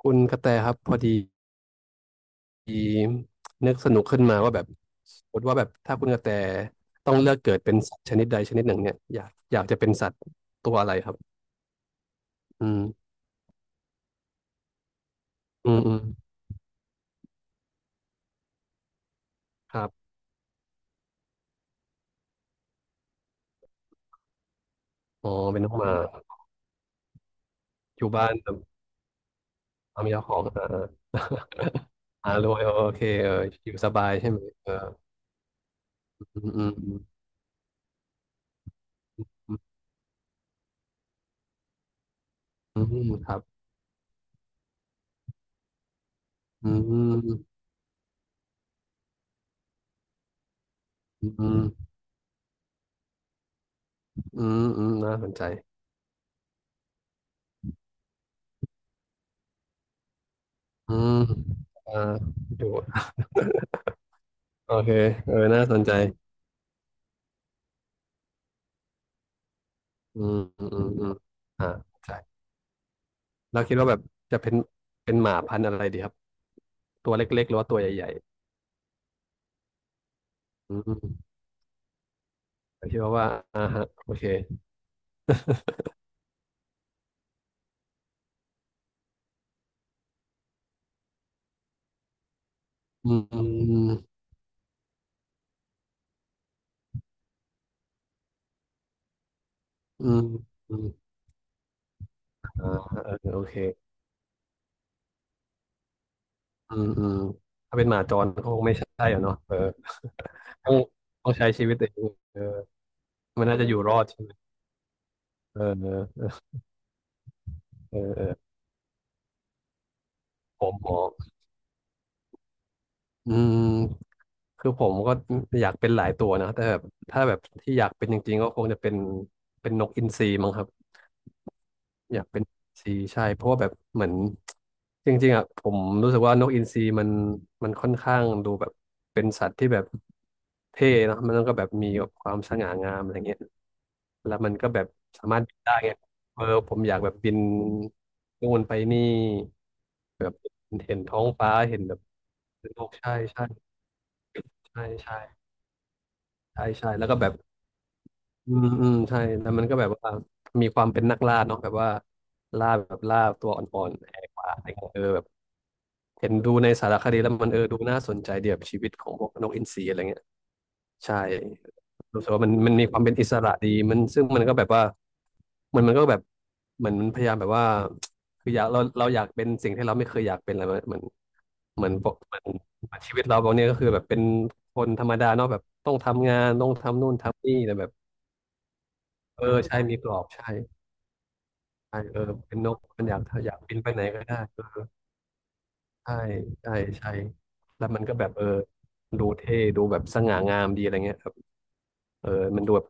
คุณกระแตครับพอดีนึกสนุกขึ้นมาว่าแบบสมมติว่าแบบถ้าคุณกระแตต้องเลือกเกิดเป็นสัตว์ชนิดใดชนิดหนึ่งเนี่ยอยากจะเป็นสัตว์ตัวอะไรครับอืมอืมอืมครับอ๋อเป็นน้องหมาอยู่บ้านทำยามีเจ้าของรวยโอเคเอออยู่สบายใช่ไหมเอออืมอืมอืมอืมอืมครับอืมอืมอืมอืมน่าสนใจอืมอ่าดูโอเคเออน่าสนใจ อืมอืมอืมอ่าใช่เราคิดว่าแบบจะเป็นเป็นหมาพันธุ์อะไรดีครับตัวเล็กๆหรือว่าตัวใหญ่ๆอืมผมคิดว่าอ่าฮะโอเคอืมอืมอืมอืมอ่าเออโอเคอืมอืมถ้าเป็นหมาจรก็คงไม่ใช่อะเนาะเออต้องต้องใช้ชีวิตเองเออมันน่าจะอยู่รอดใช่ไหมเออเออเออเออผมหมออืม คือผมก็อยากเป็นหลายตัวนะแต่แบบถ้าแบบที่อยากเป็นจริงๆก็คงจะเป็นเป็นนกอินทรีมั้งครับอยากเป็นนกอินทรีใช่เพราะว่าแบบเหมือนจริงๆอ่ะผมรู้สึกว่านกอินทรีมันค่อนข้างดูแบบเป็นสัตว์ที่แบบเท่เนอะมันก็แบบมีความสง่างามอะไรเงี้ยแล้วมันก็แบบสามารถบินได้ไงเออผมอยากแบบบินนู่นไปนี่แบบเห็นท้องฟ้าเห็นแบบโลกใช่ใช่ใช่ใช่ใช่ใช่แล้วก็แบบ อืมอืมใช่แล้วมันก็แบบว่ามีความเป็นนักล่าเนาะแบบว่าล่าแบบล่าตัวอ่อนๆแหกป่าอะไรเงี้ยเออแบบเห็นดูในสารคดีแล้วมันดูน่าสนใจเดียบบชีวิตของพวกนกอินทรีอะไรเงี้ยใช่รู้สึกว่ามันมีความเป็นอิสระดีมันซึ่งมันก็แบบว่ามันก็แบบเหมือนมันพยายามแบบว่าคืออยากเราอยากเป็นสิ่งที่เราไม่เคยอยากเป็นอะไรเหมือนเหมือนปกเหมือนชีวิตเราตอนนี้ก็คือแบบเป็นคนธรรมดาเนาะแบบต้องทำงานต้องทำนู่นทำนี่แต่แบบเออใช่มีกรอบใช่ ใช่เออเป็นนกมันอยากบินไปไหนก็ได้เออใช่ใช่ใช่แล้วมันก็แบบเออดูเท่ดูแบบสง่างามดีอะไรเงี้ยครับเออมันดูแบบ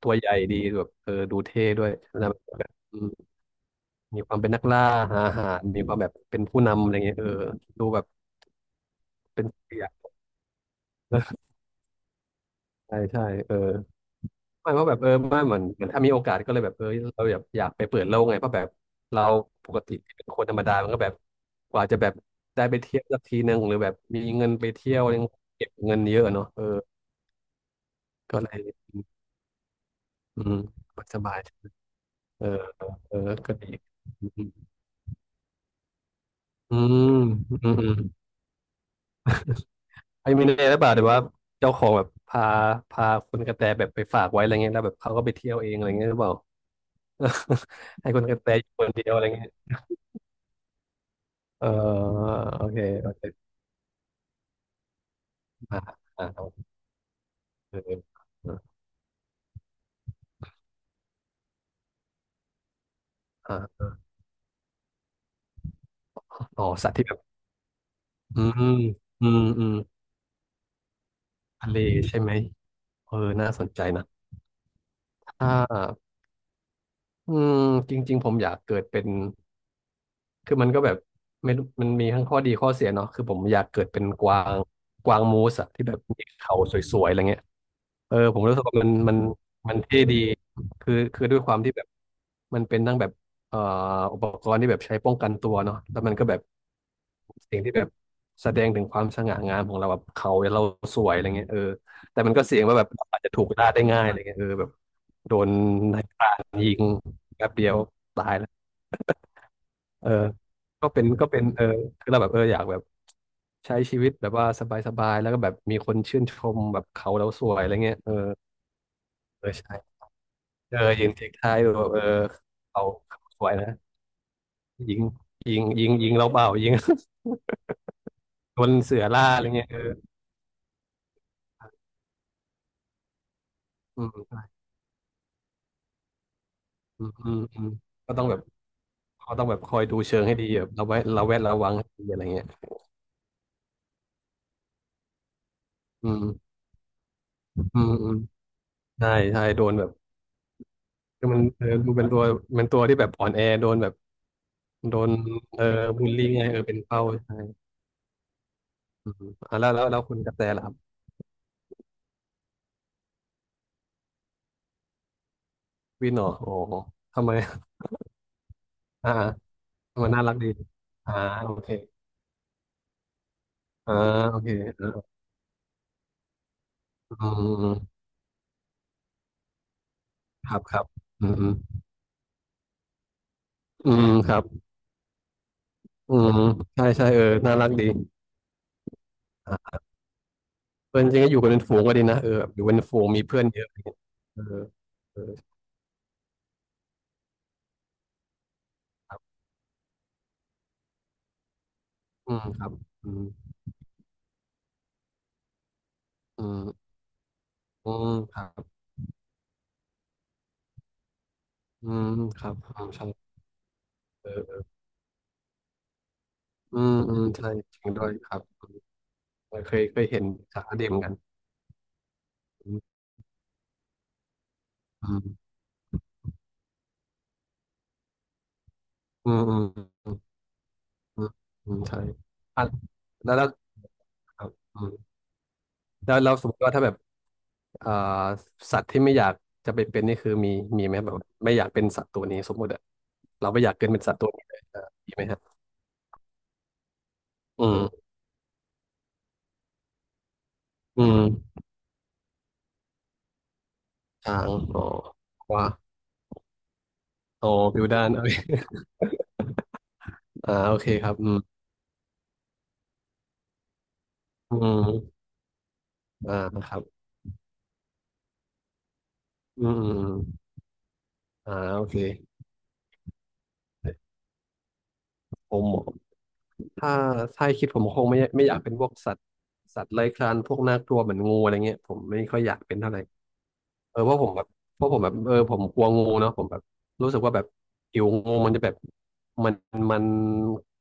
ตัวใหญ่ดีแบบเออดูเท่ด้วยแล้วแบบอืมมีความเป็นนักล่าหาอาหารมีความแบบเป็นผู้นำอะไรเงี้ยเออดูแบบเป็นเสีย ใช่ใช่เออ ไม่เพราะแบบเออไม่เหมือนเหมือนถ้ามีโอกาสก็เลยแบบเออเราอยากไปเปิดโลกไงเพราะแบบเราปกติเป็นคนธรรมดามันก็แบบกว่าจะแบบได้ไปเที่ยวสักทีนึงหรือแบบมีเงินไปเที่ยวยังเก็บเงินเยอะเนาะเออก็เลยอืมมันสบายเออเออก็ดีอืมอืมอืมอืมไอ้มีเนี่ยหรือเปล่าหรือว่าเจ้าของแบบพาคุณกระแตแบบไปฝากไว้อะไรเงี้ยแล้วแบบเขาก็ไปเที่ยวเองอะไรเงี้ยหรือเปล่า ให้คุณกระแตอยู่คนเดียวอะไรเงี้ยเออโอเคโอเค อ่าอ่าโอเคอ่าอ่าอ๋อสัตว์ที่แบบอืมอืมอืมทะเลใช่ไหมเออน่าสนใจนะถ้าอืมจริงๆผมอยากเกิดเป็นคือมันก็แบบไม่รู้มันมีทั้งข้อดีข้อเสียเนาะคือผมอยากเกิดเป็นกวางกวางมูสอะที่แบบมีเขาสวยๆอะไรเงี้ย เออผมรู้สึกว่ามันมันเท่ดีคือด้วยความที่แบบมันเป็นทั้งแบบเอ่ออุปกรณ์ที่แบบใช้ป้องกันตัวเนาะแล้วมันก็แบบสิ่งที่แบบแสดงถึงความสง่างามของเราแบบเขาเราสวยอะไรเงี้ยเออแต่มันก็เสี่ยงว่าแบบอาจจะถูกล่าได้ง่ายอะไรเงี้ยเออแบบโดนนายพรานยิงแป๊บเดียวตายแล้วเออก็เป็นเออคือเราแบบเอออยากแบบใช้ชีวิตแบบว่าสบายๆแล้วก็แบบมีคนชื่นชมแบบเขาเราสวยอะไรเงี้ยเออ เออใช่เออยืนเทคท้ายแบบเออเขาสวยนะยิงยิงเราเบายิง โดนเสือล่าอะไรเงี้ยเอออืมอืมอืมอืมก็ต้องแบบเขาต้องแบบคอยดูเชิงให้ดีแบบเราไว้เราแวดระวังให้ดีอะไรเงี้ยอืมอืมอืมใช่ใช่โดนแบบคือมันดูเป็นตัวเป็นตัวที่แบบอ่อนแอโดนแบบโดนเออบูลลี่ไงเออเป็นเป้าใช่อืมอ่ะแล้วคุณกระแตล่ะครับวินเหรอโอ้โหทำไมอ่าอ่ามันน่ารักดีอ่าโอเคอ่าโอเค อืมครับครับอืมอืมครับอืมใช่ใช่เออน่ารักดีอ่ะเพื่อนจริงก็อยู่กันเป็นฝูงก็ดีนะเออแบบอยู่เป็นฝูงมีเพื่อนเยอะอะไรเงี้ยเออเออครับอืมครับอืมอืมอืมครับอืมครับอืมใช่เออเอออืมอืมใช่จริงด้วยครับเออเคยเห็นสารคดีเหมือนกันอืมอืมอืมอืมอืมอืมใช่อ่ะแล้วครับอืม แล้วเราสมมติว่าถ้าแบบเอ่อสัตว์ที่ไม่อยากจะไปเป็นนี่คือมีไหมแบบไม่อยากเป็นสัตว์ตัวนี้สมมติอะเราไม่อยากเกิดเป็นสัตว์ตัวนี้เลยเออมีไหมครับอืมอืมช้างอ๋อว้าโอ้พิวดานโอเค อ่าโอเคครับอืมอืมอ่าครับอืมอืมอืมอ่าโอเคผมถ้าให้คิดผมคงไม่อยากเป็นพวกสัตว์สัตว์เลื้อยคลานพวกน่ากลัวเหมือนงูอะไรเงี้ยผมไม่ค่อยอยากเป็นเท่าไหร่ เออเพราะผมแบบเพราะผมแบบเออผมกลัวงูเนาะผมแบบรู้สึกว่าแบบผิวงูมันจะแบบมันมัน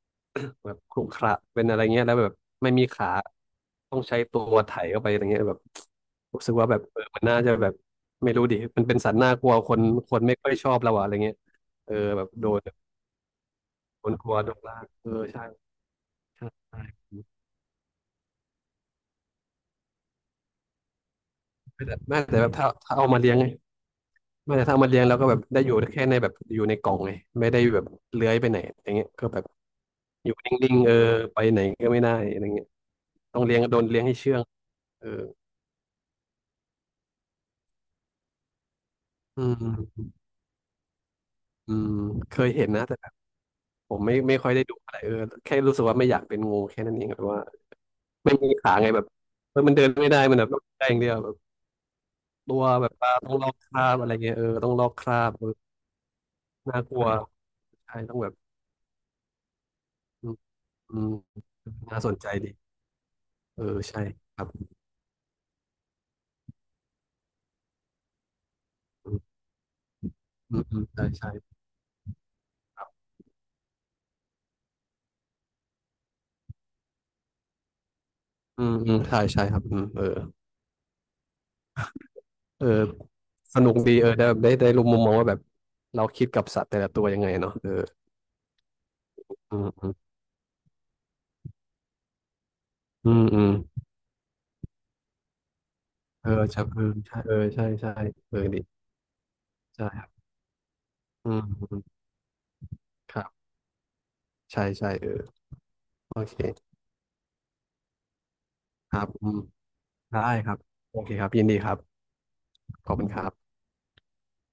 แบบขรุขระเป็นอะไรเงี้ยแล้วแบบไม่มีขาต้องใช้ตัวไถเข้าไปอะไรเงี้ยแบบรู้สึกว่าแบบเออมันน่าจะแบบไม่รู้ดิมันเป็นสัตว์น่ากลัวคนไม่ค่อยชอบเราอะอะไรเงี้ยเออแบบโดนโดนกลัวโดนล่าเออใช่ใช่ใช่ไม่แต่แบบถ้าเอามาเลี้ยงไงไม่แต่ถ้าเอามาเลี้ยงแล้วก็แบบได้อยู่แค่ในแบบอยู่ในกล่องไงไม่ได้แบบเลื้อยไปไหนอย่างเงี้ยก็แบบ อยู่นิ่งๆเออไปไหนก็ไม่ได้อะไรเงี้ยต้องเลี้ยงโดนเลี้ยงให้เชื่องเอออืมอืมเคยเห็นนะแต่แบบผมไม่ค่อยได้ดูอะไรเออแค่รู้สึกว่าไม่อยากเป็นงูแค่นั้นเองแบบว่าไม่มีขาไงแบบเออมันเดินไม่ได้มันแบบต้องได้อย่างเดียวแบบตัวแบบตาต้องลอกคราบอะไรเงี้ยเออต้องลอกคราบเออน่ากลัวใช่ต้องแบบอืมอืมน่าสนใจดีเออใช่ครับอืมอืมอืมใช่ใช่ครับอืมอืมใช่ใช่ครับอืมเออ เออสนุกดีเออได้ได้รู้มุมมองว่าแบบเราคิดกับสัตว์แต่ละตัวยังไงเนาะเอออืมอืมอืมอืมเออใช่เออใช่เออใช่ใช่เออดีใช่ครับอืมอืมครับใช่ใช่เออโอเคครับอืมได้ครับโอเคครับยินดีครับขอบคุณครับ